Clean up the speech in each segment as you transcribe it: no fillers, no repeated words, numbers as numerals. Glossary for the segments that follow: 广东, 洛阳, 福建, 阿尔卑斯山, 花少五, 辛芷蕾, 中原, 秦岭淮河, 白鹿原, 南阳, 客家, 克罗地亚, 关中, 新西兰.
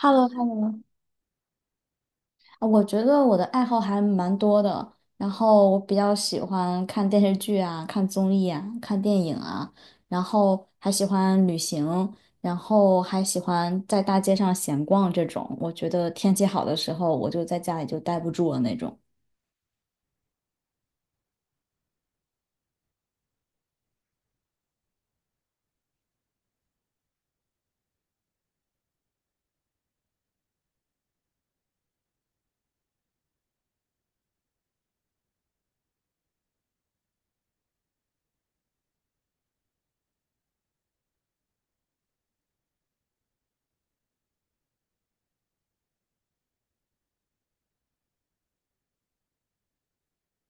h e l l o h e l l o 我觉得我的爱好还蛮多的，然后我比较喜欢看电视剧啊，看综艺啊，看电影啊，然后还喜欢旅行，然后还喜欢在大街上闲逛这种。我觉得天气好的时候，我就在家里就待不住了那种。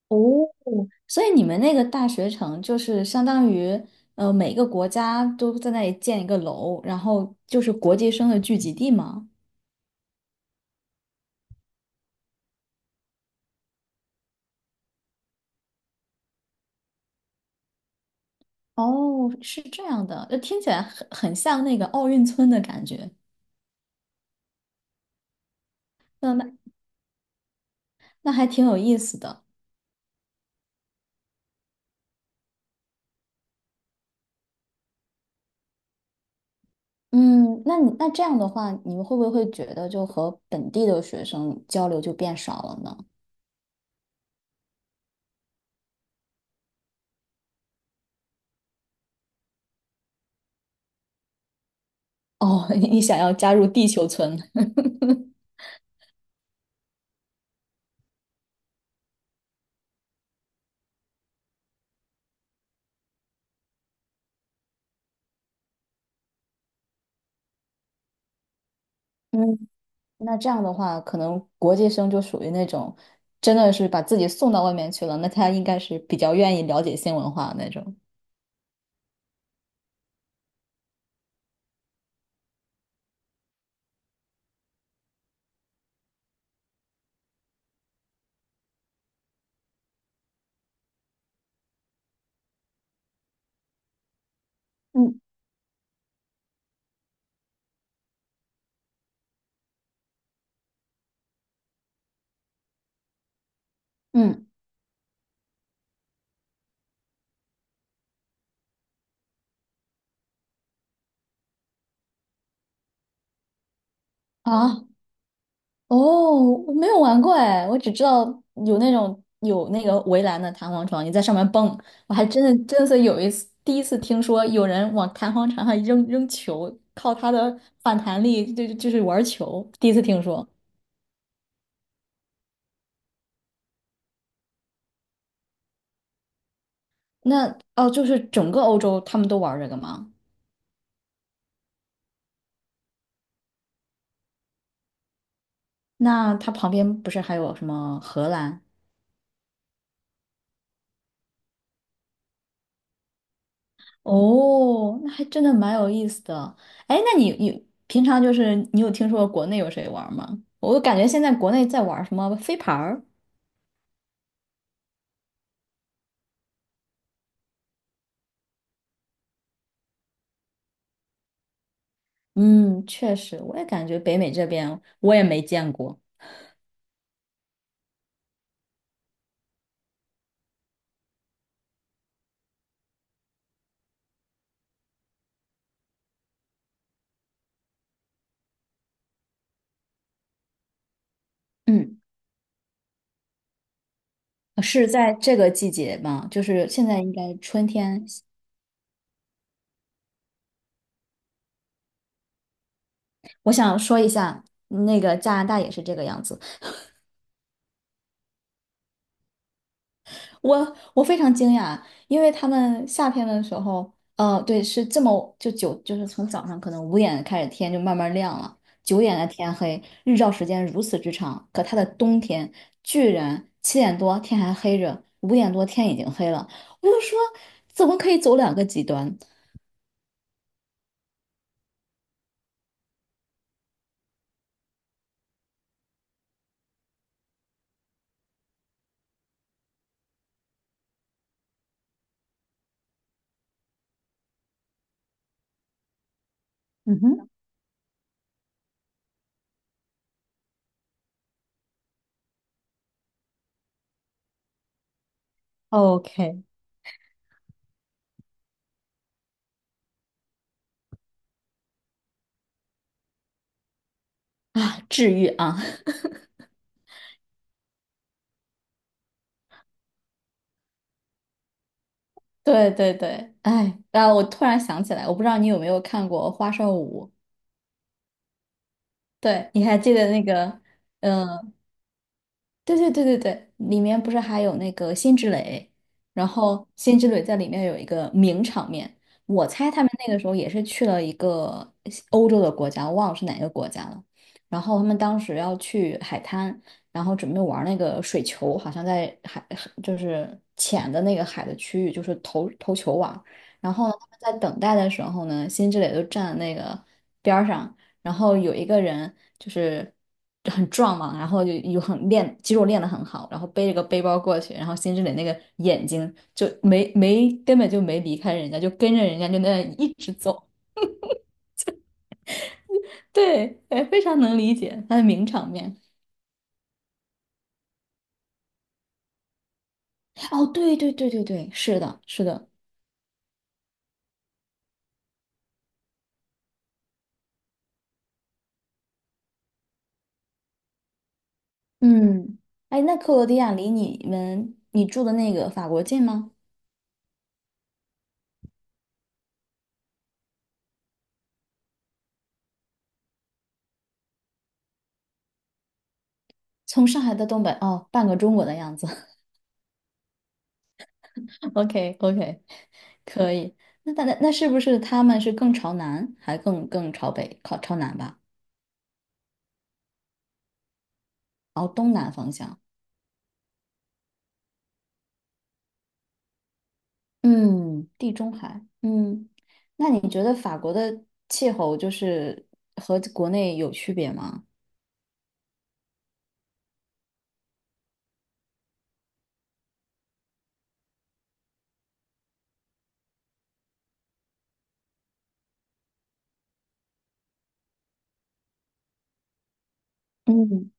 哦，所以你们那个大学城就是相当于，每个国家都在那里建一个楼，然后就是国际生的聚集地吗？哦，是这样的，听起来很像那个奥运村的感觉。嗯，那那还挺有意思的。嗯，那你那这样的话，你们会不会觉得就和本地的学生交流就变少了呢？哦，你想要加入地球村？嗯，那这样的话，可能国际生就属于那种真的是把自己送到外面去了，那他应该是比较愿意了解新文化的那种。嗯嗯啊，哦，我没有玩过哎，我只知道有那种有那个围栏的弹簧床，你在上面蹦，我还真的是有一次第一次听说有人往弹簧床上扔球，靠它的反弹力就是玩球，第一次听说。那哦，就是整个欧洲他们都玩这个吗？那它旁边不是还有什么荷兰？哦，那还真的蛮有意思的。哎，那你你平常就是你有听说过国内有谁玩吗？我感觉现在国内在玩什么飞盘儿？嗯，确实，我也感觉北美这边我也没见过。嗯，是在这个季节吗？就是现在应该春天。我想说一下，那个加拿大也是这个样子。我我非常惊讶，因为他们夏天的时候，对，是这么就九，就是从早上可能五点开始天就慢慢亮了，九点的天黑，日照时间如此之长。可它的冬天居然七点多天还黑着，五点多天已经黑了。我就说，怎么可以走两个极端嗯哼，OK，啊？治愈啊！对对对，哎，啊，我突然想起来，我不知道你有没有看过《花少五》，对，你还记得那个？嗯？对对对对对，里面不是还有那个辛芷蕾，然后辛芷蕾在里面有一个名场面，我猜他们那个时候也是去了一个西欧洲的国家，我忘了是哪个国家了。然后他们当时要去海滩，然后准备玩那个水球，好像在海就是浅的那个海的区域，就是投球网。然后呢他们在等待的时候呢，辛芷蕾就站在那个边儿上，然后有一个人就是很壮嘛，然后就有很练肌肉练得很好，然后背着个背包过去，然后辛芷蕾那个眼睛就没根本就没离开人家，就跟着人家就那样一直走。对，哎，非常能理解他的名场面。哦，对对对对对，是的，是的，嗯，哎，那克罗地亚离你们你住的那个法国近吗？从上海到东北，哦，半个中国的样子。OK OK，可以。那那那是不是他们是更朝南，还更更朝北，靠朝南吧？朝东南方向。嗯，地中海。嗯，那你觉得法国的气候就是和国内有区别吗？嗯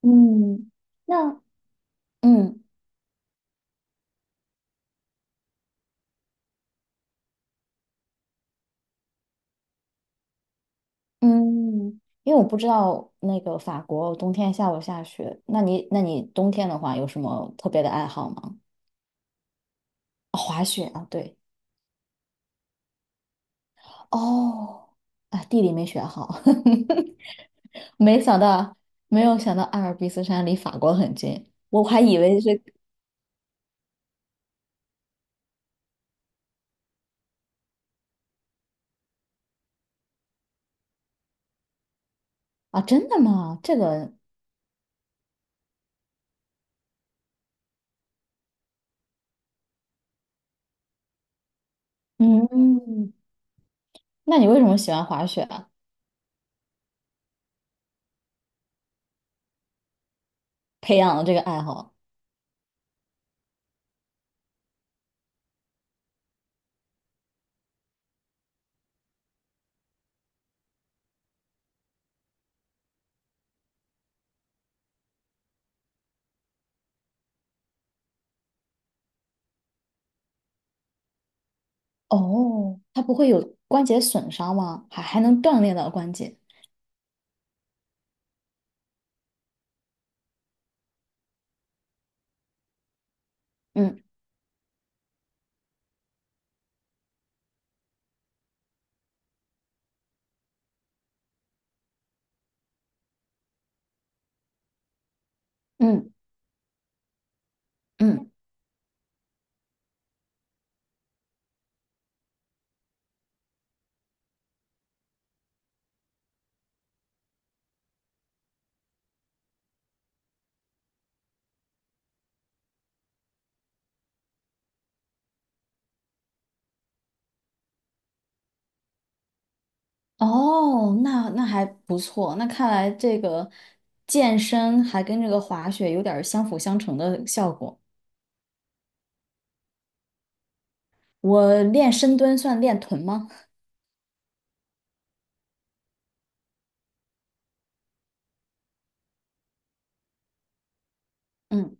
嗯，那嗯嗯，因为我不知道那个法国冬天下不下雪，那你那你冬天的话有什么特别的爱好吗？哦滑雪啊，对。哦，啊，地理没学好，没想到，没有想到阿尔卑斯山离法国很近，我还以为是啊，真的吗？这个，嗯，那你为什么喜欢滑雪啊？培养了这个爱好？哦，它不会有关节损伤吗？还还能锻炼到关节？嗯嗯嗯，哦，那那还不错，那看来这个健身还跟这个滑雪有点儿相辅相成的效果。我练深蹲算练臀吗？嗯，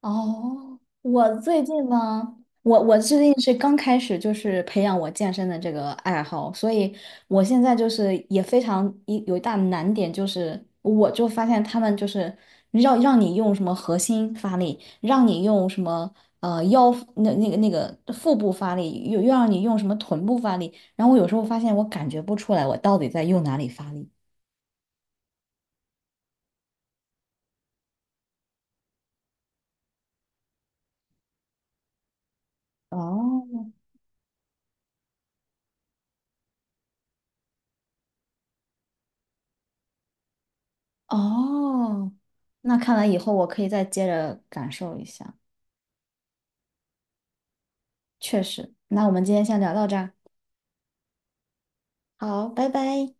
哦，我最近呢，我我最近是刚开始就是培养我健身的这个爱好，所以我现在就是也非常一有一大难点就是，我就发现他们就是让让你用什么核心发力，让你用什么腰那那个那个腹部发力，又又让你用什么臀部发力，然后我有时候发现我感觉不出来我到底在用哪里发力。哦，哦，那看来以后我可以再接着感受一下，确实。那我们今天先聊到这儿，好，拜拜。